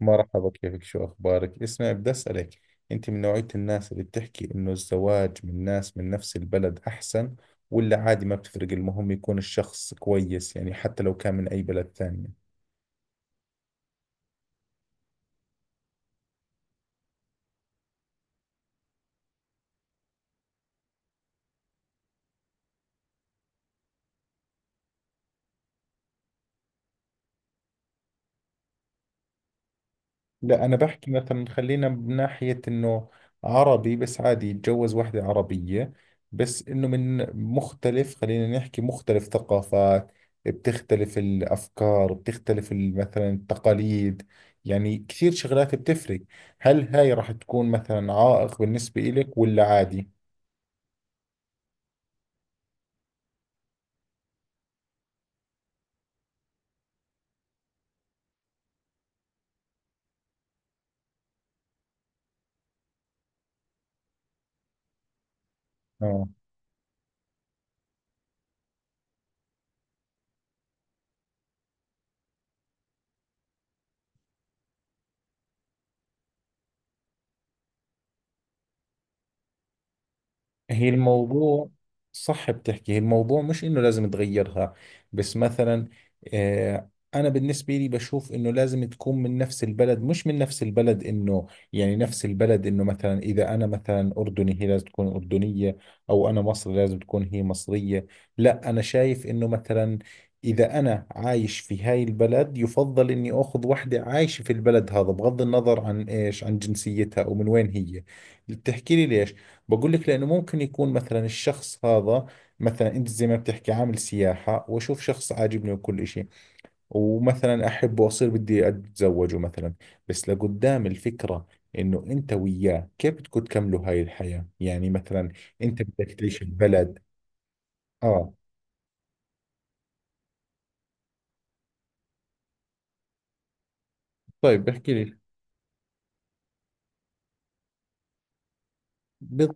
مرحبا، كيفك؟ شو أخبارك؟ اسمعي، بدي أسألك. أنت من نوعية الناس اللي بتحكي إنه الزواج من ناس من نفس البلد أحسن، ولا عادي ما بتفرق المهم يكون الشخص كويس، يعني حتى لو كان من أي بلد ثانية؟ لا، أنا بحكي مثلا خلينا من ناحية إنه عربي بس عادي يتجوز وحدة عربية، بس إنه من مختلف، خلينا نحكي مختلف ثقافات. بتختلف الأفكار، بتختلف مثلا التقاليد، يعني كثير شغلات بتفرق. هل هاي راح تكون مثلا عائق بالنسبة إلك ولا عادي؟ آه، هي الموضوع. صح بتحكي، هي الموضوع مش انه لازم تغيرها، بس مثلا آه انا بالنسبة لي بشوف انه لازم تكون من نفس البلد. مش من نفس البلد انه يعني نفس البلد، انه مثلا اذا انا مثلا اردني هي لازم تكون اردنية، او انا مصري لازم تكون هي مصرية. لا، انا شايف انه مثلا إذا أنا عايش في هاي البلد يفضل إني أخذ وحدة عايشة في البلد هذا، بغض النظر عن إيش، عن جنسيتها أو من وين هي. بتحكي لي ليش؟ بقول لك لأنه ممكن يكون مثلا الشخص هذا، مثلا أنت زي ما بتحكي عامل سياحة وأشوف شخص عاجبني وكل إشي، ومثلا أحبه وأصير بدي أتزوجه مثلا. بس لقدام الفكرة، إنه أنت وياه كيف بدكم تكملوا هاي الحياة، يعني مثلا أنت بدك تعيش البلد. آه، طيب بحكي لي،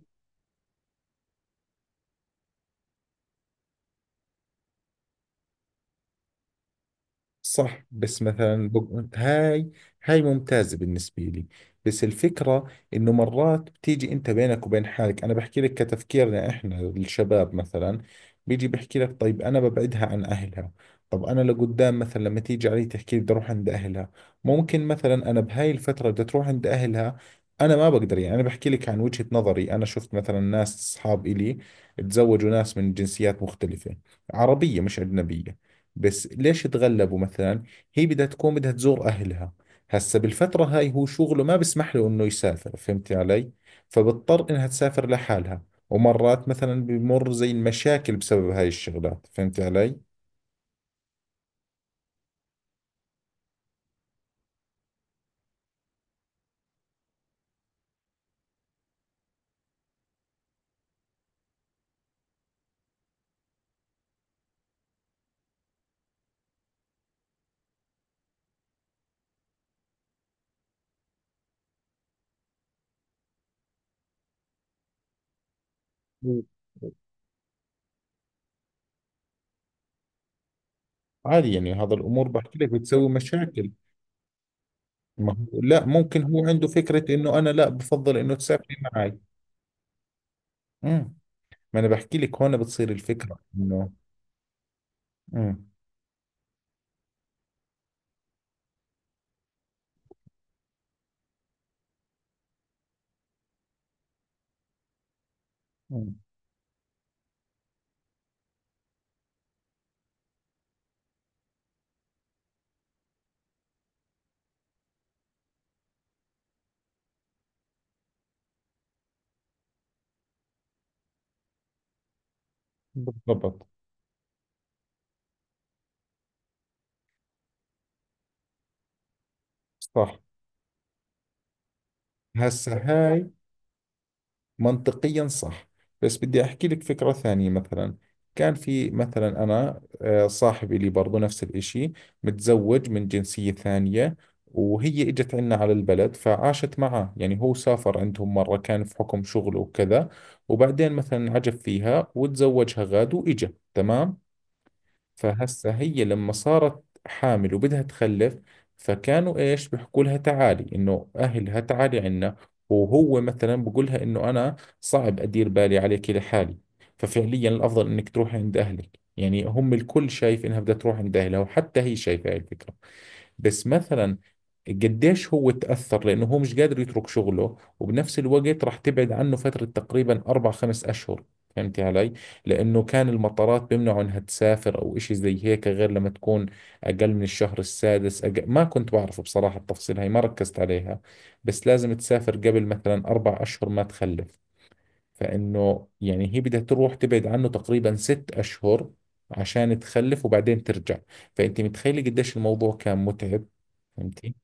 صح. بس مثلا هاي، هاي ممتازة بالنسبة لي، بس الفكرة انه مرات بتيجي انت بينك وبين حالك، انا بحكي لك كتفكيرنا احنا الشباب مثلا، بيجي بحكي لك طيب انا ببعدها عن اهلها. طب انا لقدام مثلا لما تيجي علي تحكي لي بدي اروح عند اهلها، ممكن مثلا انا بهاي الفترة بدي تروح عند اهلها، انا ما بقدر. يعني انا بحكي لك عن وجهة نظري، انا شفت مثلا ناس اصحاب الي تزوجوا ناس من جنسيات مختلفة عربية مش أجنبية، بس ليش تغلبوا مثلا؟ هي بدها تزور أهلها، هسا بالفترة هاي هو شغله ما بسمح له إنه يسافر، فهمتي علي؟ فبضطر إنها تسافر لحالها، ومرات مثلا بمر زي المشاكل بسبب هاي الشغلات، فهمتي علي؟ مم. عادي يعني هذا الأمور بحكي لك بتسوي مشاكل. ما هو لا، ممكن هو عنده فكرة إنه أنا لا بفضل إنه تسافري معي. امم ما أنا بحكي لك هون بتصير الفكرة إنه امم مم. بالضبط. صح، هسا هاي منطقيا صح، بس بدي أحكي لك فكرة ثانية مثلا. كان في مثلا أنا صاحبي لي برضو نفس الإشي، متزوج من جنسية ثانية، وهي إجت عنا على البلد فعاشت معه. يعني هو سافر عندهم مرة كان في حكم شغله وكذا، وبعدين مثلا عجب فيها وتزوجها غاد وإجا تمام. فهسه هي لما صارت حامل وبدها تخلف فكانوا ايش بيحكوا لها؟ تعالي انه اهلها تعالي عنا. وهو مثلا بقول لها انه انا صعب ادير بالي عليك لحالي، ففعليا الافضل انك تروحي عند اهلك. يعني هم الكل شايف انها بدها تروح عند اهلها، وحتى هي شايفه هاي الفكره. بس مثلا قديش هو تأثر لأنه هو مش قادر يترك شغله، وبنفس الوقت راح تبعد عنه فترة تقريبا 4 5 أشهر، فهمتي علي؟ لأنه كان المطارات بيمنعوا إنها تسافر أو إشي زي هيك، غير لما تكون أقل من الشهر السادس أقل. ما كنت بعرف بصراحة التفصيل هاي، ما ركزت عليها. بس لازم تسافر قبل مثلا 4 أشهر ما تخلف، فإنه يعني هي بدها تروح تبعد عنه تقريبا 6 أشهر عشان تخلف وبعدين ترجع. فأنت متخيلة قديش الموضوع كان متعب؟ فهمتي؟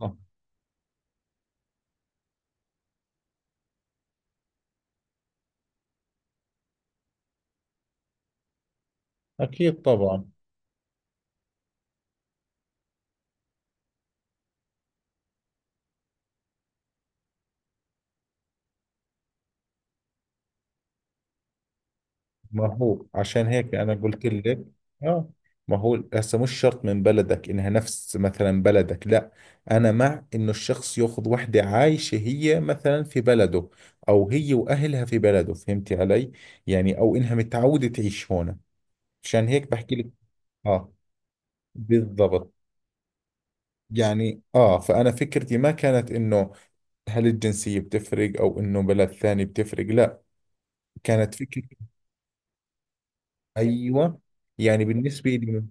آه، أكيد طبعا. ما هو عشان هيك أنا قلت لك. آه، ما هو هسه مش شرط من بلدك إنها نفس مثلا بلدك، لا. أنا مع إنه الشخص يأخذ وحدة عايشة هي مثلا في بلده، أو هي وأهلها في بلده، فهمتي علي؟ يعني أو إنها متعودة تعيش هون. عشان هيك بحكي لك. آه، بالضبط. يعني اه، فأنا فكرتي ما كانت انه هل الجنسية بتفرق او انه بلد ثاني بتفرق، لا. كانت فكرتي، ايوه، يعني بالنسبة لي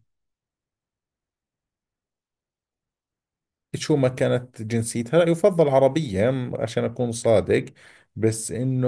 شو ما كانت جنسيتها، لا يفضل عربية عشان أكون صادق، بس إنه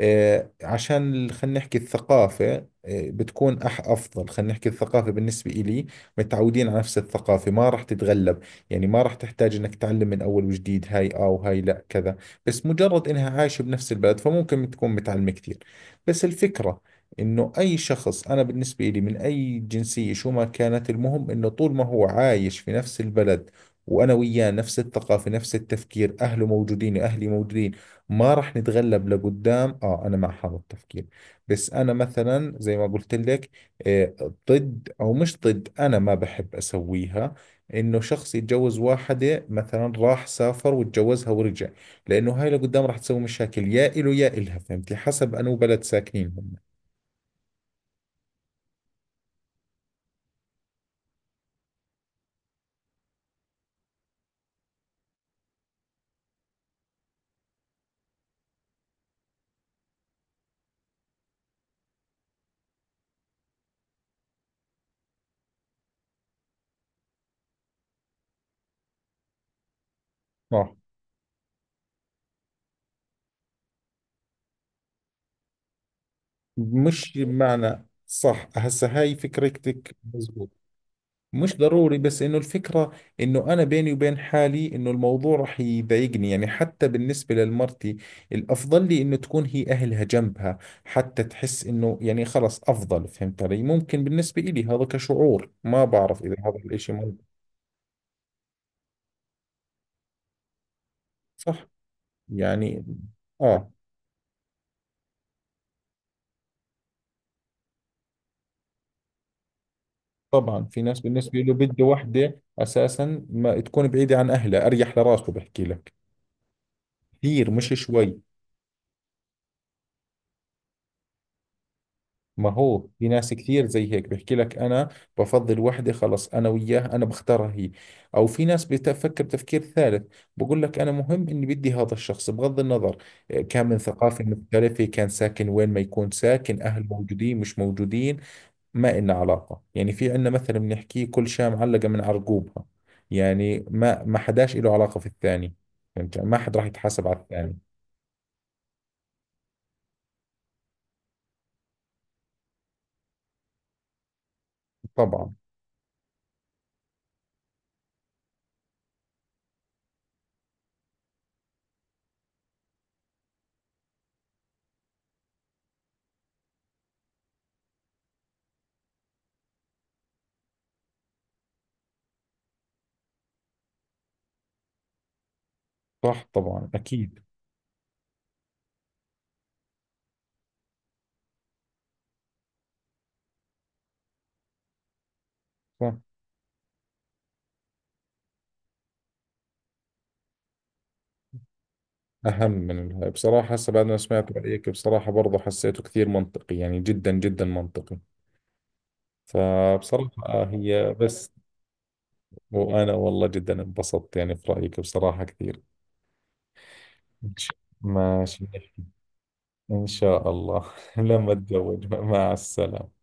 عشان خلينا نحكي الثقافة بتكون أفضل، خلينا نحكي الثقافة بالنسبة إلي. متعودين على نفس الثقافة، ما راح تتغلب، يعني ما راح تحتاج إنك تعلم من أول وجديد هاي آه وهاي لا كذا. بس مجرد إنها عايشة بنفس البلد فممكن تكون متعلمة كثير، بس الفكرة إنه أي شخص أنا بالنسبة إلي من أي جنسية شو ما كانت، المهم إنه طول ما هو عايش في نفس البلد، وانا وياه نفس الثقافه نفس التفكير، اهله موجودين واهلي موجودين، ما راح نتغلب لقدام. اه، انا مع هذا التفكير. بس انا مثلا زي ما قلت لك، آه، ضد او مش ضد، انا ما بحب اسويها انه شخص يتجوز واحده مثلا راح سافر وتجوزها ورجع، لانه هاي لقدام راح تسوي مشاكل يا إله يا إلها، فهمتي، حسب انو بلد ساكنين هم. صح، مش معنى صح هسه هاي فكرتك مزبوط، مش ضروري، بس انه الفكرة انه انا بيني وبين حالي انه الموضوع رح يضايقني. يعني حتى بالنسبة للمرتي الافضل لي انه تكون هي اهلها جنبها، حتى تحس انه يعني خلص افضل. فهمت علي؟ ممكن بالنسبة إلي هذا كشعور، ما بعرف اذا هذا الاشي منطقي. صح، يعني اه، طبعا في ناس بالنسبة له بده وحدة اساسا ما تكون بعيدة عن اهلها، اريح لراسه بحكي لك، كثير مش شوي. ما هو في ناس كثير زي هيك بيحكي لك، انا بفضل وحده خلص انا وياها انا بختارها هي. او في ناس بتفكر تفكير ثالث، بقول لك انا مهم اني بدي هذا الشخص بغض النظر إيه، كان من ثقافة مختلفة، كان ساكن وين ما يكون ساكن، اهل موجودين مش موجودين، ما إلنا علاقة. يعني في عندنا مثلا بنحكيه كل شاة معلقة من عرقوبها، يعني ما حداش له علاقة في الثاني، فهمت، ما حد راح يتحاسب على الثاني. طبعا. صح، طبعا، اكيد. صح، أهم من الهاي بصراحة. هسه بعد ما سمعت رأيك بصراحة برضه حسيته كثير منطقي، يعني جدا جدا منطقي. فبصراحة آه هي بس. وأنا والله جدا انبسطت يعني في رأيك بصراحة كثير. ماشي نحكي، إن شاء الله لما أتزوج. مع السلامة.